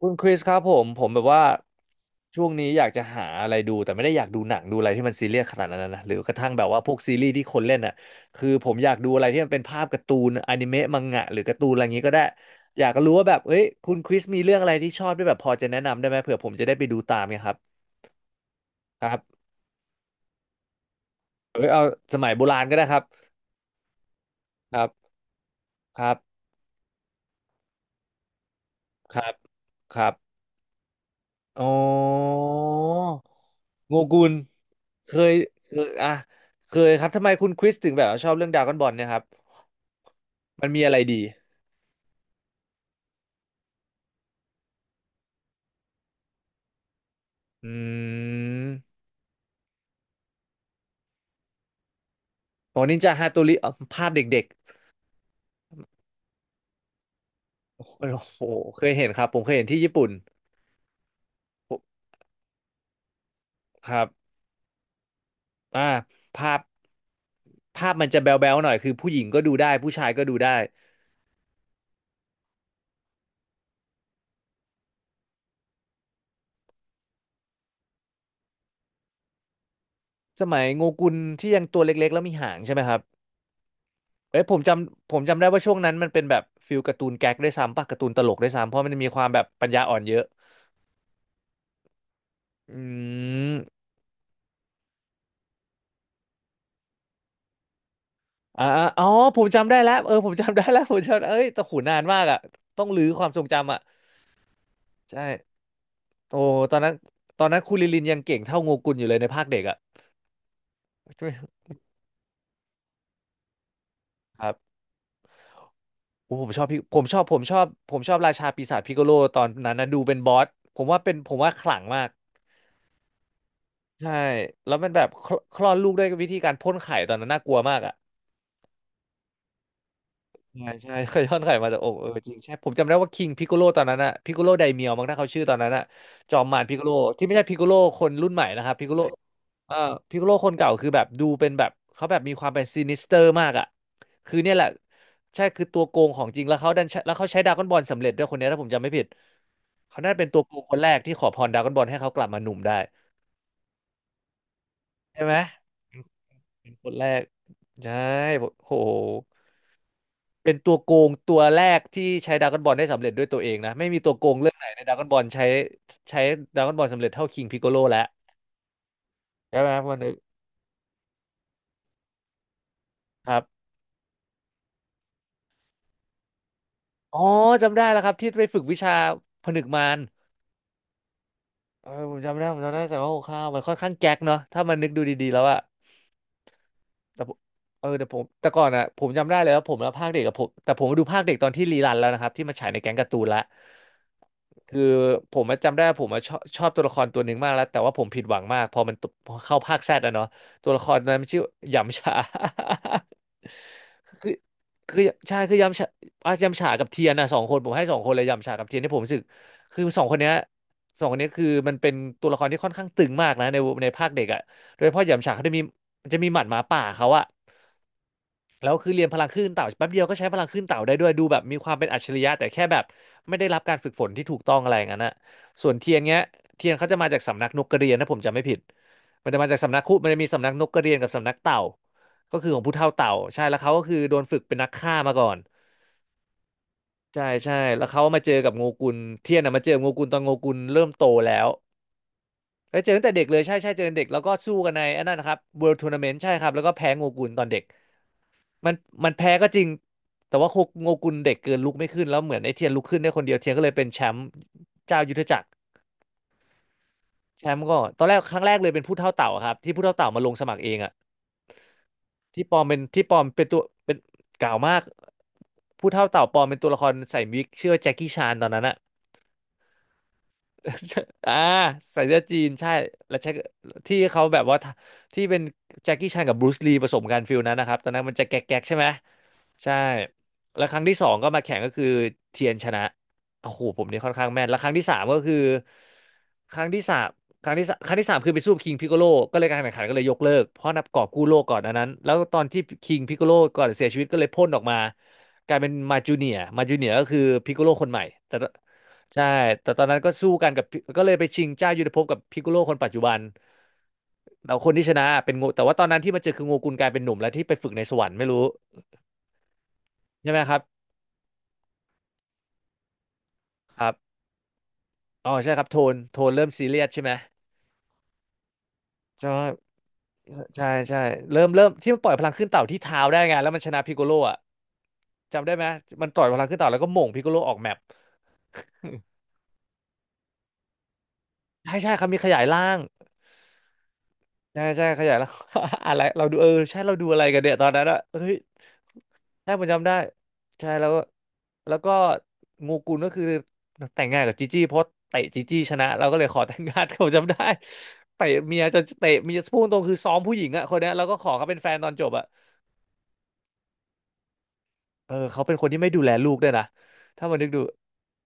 คุณคริสครับผมแบบว่าช่วงนี้อยากจะหาอะไรดูแต่ไม่ได้อยากดูหนังดูอะไรที่มันซีเรียสขนาดนั้นนะหรือกระทั่งแบบว่าพวกซีรีส์ที่คนเล่นอ่ะคือผมอยากดูอะไรที่มันเป็นภาพการ์ตูนอนิเมะมังงะหรือการ์ตูนอะไรอย่างนี้ก็ได้อยากรู้ว่าแบบเอ้ยคุณคริสมีเรื่องอะไรที่ชอบด้วยแบบพอจะแนะนำได้ไหมเผื่อผมจะได้ไปดูตามเนี่ยครับครับเอ้ยเอาสมัยโบราณก็ได้ครับครับครับครับครับ อ๋อโงกุลเคยเคยอ่ะเคยครับ ทำไมคุณคริสถึงแบบว่าชอบเรื่องดราก้อนบอลเนี่ยครับ มันมีอะไรดี อืมอ๋อนินจาฮาโตริอ๋อภาพเด็กๆ โอ้โหเคยเห็นครับ ผมเคยเห็นที่ญี่ปุ่นผมครับอ่าภาพภาพมันจะแบ๊วๆหน่อย คือผู้หญิงก็ดูได้ ผู้ชายก็ดูได้ สมัยโงกุลที่ยังตัวเล็กๆแล้วมีหางใช่ไหมครับ เอ้ยผมจำได้ว่าช่วงนั้นมันเป็นแบบฟิลการ์ตูนแก๊กด้วยซ้ำป่ะการ์ตูนตลกด้วยซ้ำเพราะมันมีความแบบปัญญาอ่อนเยอะอืมอ่าอ๋อผมจำได้แล้วเออผมจำได้แล้วผมจำเอ้ยแต่หูนานมากอ่ะต้องรื้อความทรงจำอ่ะใช่โอ้ตอนนั้นตอนนั้นคูริลินยังเก่งเท่าโงกุลอยู่เลยในภาคเด็กอ่ะใช่ไหมครับโอ้ผมชอบพี่ผมชอบผมชอบผมชอบราชาปีศาจพิกโกโลตอนนั้นนะดูเป็นบอสผมว่าเป็นผมว่าขลังมากใช่แล้วมันแบบคลคลอดลูกด้วยวิธีการพ่นไข่ตอนนั้นน่ากลัวมากอ่ะ ใช่ใช่เคยทอดไข่มาจากอกเออจริงใช่ผมจำได้ว่าคิงพิกโกโลตอนนั้นอะพิกโกโลไดเมียวมั้งถ้าเขาชื่อตอนนั้นอะจอมมารพิกโกโลที่ไม่ใช่พิกโกโลคนรุ่นใหม่นะครับพิกโกโลเอ่อพิกโกโลคนเก่าคือแบบดูเป็นแบบเขาแบบมีความเป็นซินิสเตอร์มากอะคือเนี่ยแหละใช่คือตัวโกงของจริงแล้วเขาใช้ดราก้อนบอลสำเร็จด้วยคนเนี้ยถ้าผมจำไม่ผิดเขาน่าจะเป็นตัวโกงคนแรกที่ขอพรดราก้อนบอลให้เขากลับมาหนุ่มได้ใช่ไหมเป็นคนแรกใช่โห เป็นตัวโกงตัวแรกที่ใช้ดราก้อนบอลได้สำเร็จด้วยตัวเองนะไม่มีตัวโกงเรื่องไหนในดราก้อนบอลใช้ใช้ดราก้อนบอลสำเร็จเท่าคิงพิกโกโลแล้วใช่ไหมครับวันนึกครับอ๋อจำได้แล้วครับที่ไปฝึกวิชาผนึกมารเออผมจำได้ผมจำได้แต่ว่าโอ้ข้าวมันค่อนข้างแก๊กเนาะถ้ามันนึกดูดีๆแล้วอะ แต่ผมเออแต่ผมแต่ก่อนอ่ะผมจำได้เลยว่าผมแล้วภาคเด็กกับผมแต่ผมมาดูภาคเด็กตอนที่รีรันแล้วนะครับที่มาฉายในแก๊งการ์ตูนละคือผมอะจำได้ว่าผมมาชอบตัวละครตัวหนึ่งมากแล้วแต่ว่าผมผิดหวังมากพอมันตพอเข้าภาคแซดอะเนาะตัวละครนั้นมันชื่อหยำฉา คือคือใช่คือยำฉาอ่ะยำฉากับเทียนนะสองคนผมให้สองคนเลยยำฉากับเทียนที่ผมรู้สึกคือสองคนเนี้ยสองคนเนี้ยคือมันเป็นตัวละครที่ค่อนข้างตึงมากนะในในภาคเด็กอะโดยเฉพาะหยำฉาเขาจะมี มันจะมีหมัดหมาป่าเขาอะแล้วคือเรียนพลังคลื่นเต่าแป๊บเดียวก็ใช้พลังคลื่นเต่าได้ด้วยดูแบบมีความเป็นอัจฉริยะแต่แค่แบบไม่ได้รับการฝึกฝนที่ถูกต้องอะไรอย่างนั้นอะส่วนเทียนเงี้ยเทียนเขาจะมาจากสำนักนกกระเรียนนะผมจำไม่ผิดมันจะมาจากสำนักคุมันจะมีสำนักนกกระเรียนกับสำนักเต่าก็คือของผู้เฒ่าเต่าใช่แล้วเขาก็คือโดนฝึกเป็นนักฆ่ามาก่อนใช่ใช่แล้วเขามาเจอกับโงกุลเทียนอะมาเจอโงกุลตอนโงกุลเริ่มโตแล้วแล้วเจอตั้งแต่เด็กเลยใช่ใช่เจอเด็กแล้วก็สู้กันในอันนั้นนะครับ World Tournament ใช่ครับแล้วก็แพ้โงกุลตอนเด็ก มันมันแพ้ก็จริงแต่ว่าโงกุนเด็กเกินลุกไม่ขึ้นแล้วเหมือนไอ้เทียนลุกขึ้นได้คนเดียวเทียนก็เลยเป็นแชมป์เจ้ายุทธจักรแชมป์ก็ตอนแรกครั้งแรกเลยเป็นผู้เท่าเต่าครับที่ผู้เท่าเต่ามาลงสมัครเองอะที่ปลอมเป็นกล่าวมากผู้เท่าเต่าปลอมเป็นตัวละครใส่วิกชื่อว่าแจ็คกี้ชานตอนนั้นอะ อ่าใส่เสื้อจีนใช่แล้วแจ็คที่เขาแบบว่าที่เป็นแจ็คกี้ชานกับบรูซลีผสมกันฟิลนั้นนะครับตอนนั้นมันจะแก๊กๆใช่ไหมใช่แล้วครั้งที่สองก็มาแข่งก็คือเทียนชนะโอ้โหผมนี่ค่อนข้างแม่นแล้วครั้งที่สามก็คือครั้งที่สามครั้งที่สามคือไปสู้คิงพิโกโลก็เลยการแข่งขันก็เลยยกเลิกเพราะนับกอบกู้โลกก่อนอันนั้นแล้วตอนที่คิงพิโกโลก่อนเสียชีวิตก็เลยพ่นออกมากลายเป็นมาจูเนียมาจูเนียก็คือพิโกโลคนใหม่แต่ ใช่ แต่ตอนนั้นก็สู้กันกับพี่ก็เลยไปชิงเจ้ายุทธภพกับพิกโกโลคนปัจจุบันเราคนที่ชนะเป็นโงแต่ว่าตอนนั้นที่มาเจอคือโงกุลกลายเป็นหนุ่มแล้วที่ไปฝึกในสวรรค์ไม่รู้ใช่ไหมครับครับอ๋อใช่ครับโทนเริ่มซีเรียสใช่ไหมใช่ใช่ใช่เริ่มที่มันปล่อยพลังขึ้นเต่าที่เท้าได้ไงแล้วมันชนะพิกโกโลอ่ะจำได้ไหมมันต่อยพลังขึ้นเต่าแล้วก็หม่งพิกโกโลออกแมปใช่ใช่ครับมีขยายร่าง ใช่ใช่ขยายแล้ว อะไรเราดูเออใช่เราดูอะไรกันเนี่ยตอนนั้นอะเฮ้ยใช่ผมจำได้ใช่แล้วก็แล้วก็งูกุลก็คือแต่งงานกับจีจี้เพราะเตะจีจี้ชนะเราก็เลยขอแต่งงานเขาจำได้เตะเมียจนเตะเมียพูดตรงคือซ้อมผู้หญิงอะคนเนี้ยแล้วก็ขอเขาเป็นแฟนตอนจบอะเออเขาเป็นคนที่ไม่ดูแลลูกด้วยนะถ้ามานึกดู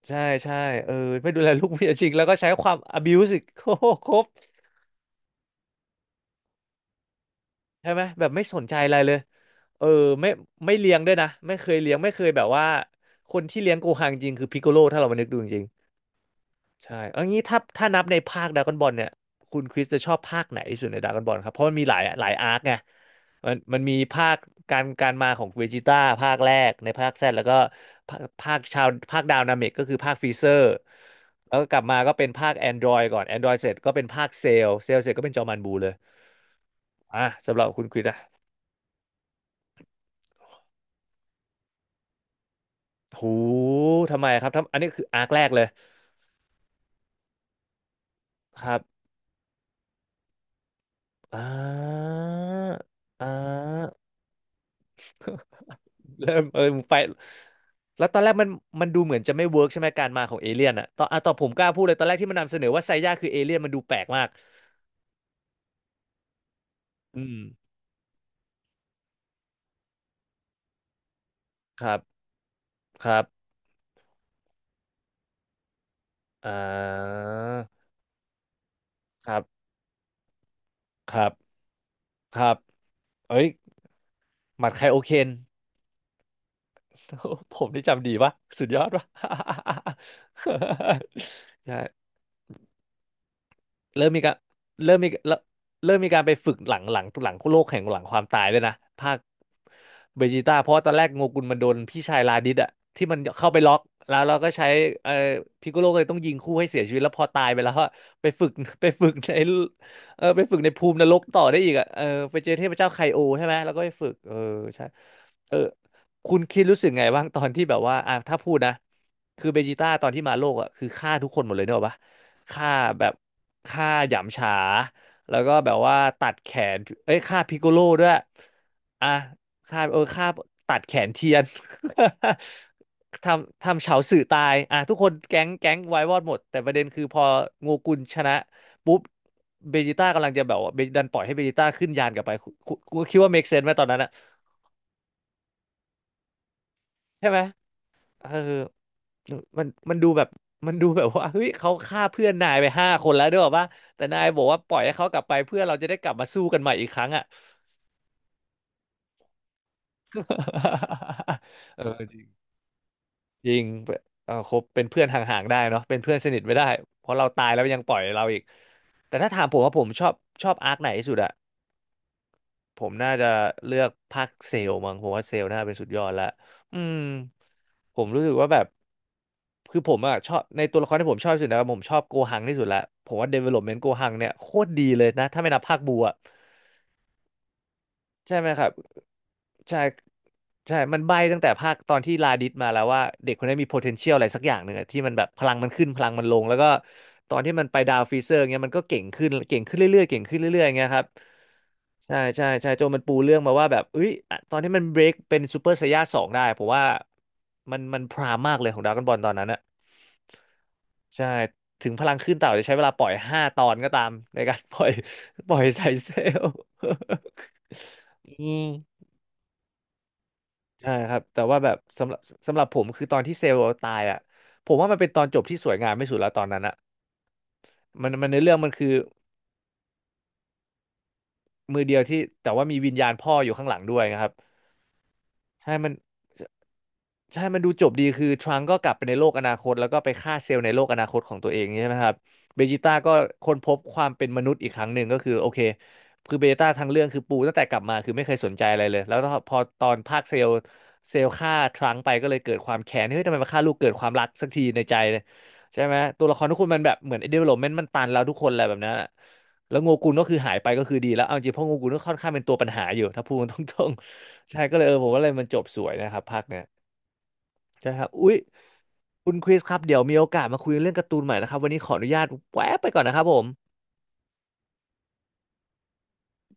ใช่ใช่เออไม่ดูแลลูกเมียจริงแล้วก็ใช้ความ abuse อีกโคตรครบใช่ไหมแบบไม่สนใจอะไรเลย เออไม่ไม่เลี้ยงด้วยนะไม่เคยเลี้ยงไม่เคยแบบว่าคนที่เลี้ยงโกคังจริงคือพิกโกโลถ้าเรามานึกดูจริงๆใช่เอางี้ถ้านับในภาคดราก้อนบอลเนี่ยคุณคริสจะชอบภาคไหนที่สุดในดราก้อนบอลครับเพราะมันมีหลายหลายอาร์คไงมันมีภาคการมาของเวจิต้าภาคแรกในภาคแซดแล้วก็ภาคดาวนาเมกก็คือภาคฟรีเซอร์แล้วก็กลับมาก็เป็นภาค Android ก่อน Android เสร็จก็เป็นภาคเซลเสร็จก็เป็นจอมันบูเลยอ่ะสำหรับคุณคริสอะโหทำไมครับทำอันนี้คืออาร์คแรกเลย ครับอ่าอ่าเริ่มเออไปแล้วตอนแรกมันดูเหมือนจะไม่เวิร์กใช่ไหมการมาของเอเลี่ยนอะตอนอ่ะตอนผมกล้าพูดเลยตอนแรกที่มันนำเสนอว่าไซย่าคือเอเลี่ยนมันดูแปลกมากอืมครับครับอ่าครับครับครับเอ้ยหมัดใครโอเคน ผมนี่จำดีปะสุดยอดปะ ใช่ เริ่มมีการเริ่มมีแล้วเริ่มมีการไปฝึกหลังโลกแห่งหลังความตายด้วยนะภาคเบจิต้าเพราะว่าตอนแรกโงกุนมันโดนพี่ชายลาดิสอะที่มันเข้าไปล็อกแล้วเราก็ใช้เอ่อพิกโกโลก็เลยต้องยิงคู่ให้เสียชีวิตแล้วพอตายไปแล้วก็ไปฝึกในไปฝึกในภูมินรกต่อได้อีกอะเออไปเจอเทพเจ้าไคโอใช่ไหมแล้วก็ไปฝึกเออใช่เออคุณคิดรู้สึกไงบ้างตอนที่แบบว่าอ่ะถ้าพูดนะคือเบจิต้าตอนที่มาโลกอะคือฆ่าทุกคนหมดเลยเนกอะปะฆ่าแบบ ฆ่าหยำฉาแล้วก็แบบว่าตัดแขนเอ้ยฆ่าพิกโกโลด้วยอ่ะฆ่าเออฆ่าตัดแขนเทียน ทำเฉาสื่อตายอ่ะทุกคนแก๊งไว้วอดหมดแต่ประเด็นคือพอโงูกุลชนะปุ๊บเบจิต้ากำลังจะแบบว่าเบดันปล่อยให้เบจิต้าขึ้นยานกลับไปคุณคิดว่าเมคเซนไหมตอนนั้นอะใช่ไหม เออมันดูแบบมันดูแบบว่าเฮ้ยเขาฆ่าเพื่อนนายไป5 คนแล้วด้วยป่ะแต่นายบอกว่าปล่อยให้เขากลับไปเพื่อเราจะได้กลับมาสู้กันใหม่อีกครั้งอ่ะ เออจริงเออคบเป็นเพื่อนห่างๆได้เนาะเป็นเพื่อนสนิทไม่ได้ เพราะเราตายแล้วยังปล่อยเราอีกแต่ถ้าถามผมว่าผมชอบอาร์คไหนที่สุดอะ ผมน่าจะเลือกภาคเซลล์มั้งผมว่าเซลล์น่าเป็นสุดยอดละอืมผมรู้สึกว่าแบบคือผมอะชอบในตัวละครที่ผมชอบที่สุดนะครับผมชอบโกหังที่สุดละผมว่า development โกหังเนี่ยโคตรดีเลยนะถ้าไม่นับภาคบูอะ ใช่ไหมครับใช่ใช่มันใบ้ตั้งแต่ภาคตอนที่ลาดิสมาแล้วว่าเด็กคนนี้มี potential อะไรสักอย่างหนึ่งอะที่มันแบบพลังมันขึ้นพลังมันลงแล้วก็ตอนที่มันไปดาวฟรีเซอร์เงี้ยมันก็เก่งขึ้นเก่งขึ้นเรื่อยๆเก่งขึ้นเรื่อยๆเงี้ยครับใช่ใช่ใช่โจมันปูเรื่องมาว่าแบบเอ้ยอะตอนที่มันเบรกเป็นซูเปอร์ไซย่า2ได้ผมว่ามันพรามมากเลยของดราก้อนบอลตอนนั้นอะใช่ถึงพลังขึ้นเต่าจะใช้เวลาปล่อย5 ตอนก็ตามในการ ปล่อยไซเซลอืม ใช่ครับแต่ว่าแบบสำหรับผมคือตอนที่เซลล์ตายอ่ะผมว่ามันเป็นตอนจบที่สวยงามไม่สุดแล้วตอนนั้นอ่ะมันในเรื่องมันคือมือเดียวที่แต่ว่ามีวิญญาณพ่ออยู่ข้างหลังด้วยนะครับใช่มัน ใช่มันดูจบดีคือทรังก์ก็กลับไปในโลกอนาคต แล้วก็ไปฆ่าเซลล์ในโลกอนาคตของตัวเองใช่ไหมครับเบจิต้าก็ค้นพบความเป็นมนุษย์อีกครั้งหนึ่งก็คือโอเคคือเบจิต้าทั้งเรื่องคือปูตั้งแต่กลับมาคือไม่เคยสนใจอะไรเลย แล้วพอตอนภาคเซลล์เซลล์ฆ่าทรังก์ไปก็เลยเกิดความแค้นเฮ้ยทำไมมาฆ่าลูกเกิดความรักสักทีในใจเลยใช่ไหมตัวละครทุกคนมันแบบเหมือน development มันตันแล้วทุกคนอะไรแบบนั้นอะแล้วโงกุนก็คือหายไปก็คือดีแล้วเอาจริงเพราะโงกุนก็ค่อนข้างเป็นตัวปัญหาอยู่ถ้าพูดตรงๆใช่ก็เลยเออผมว่าเลยมันจบสวยนะครับภาคเนี้ย ใช่ครับ อุ๊ยคุณคริสครับ เดี๋ยวมีโอกาสมาคุยเรื่องการ์ตูนใหม่นะครับ วันนี้ขออนุญาตแวะไปก่อนนะครับผม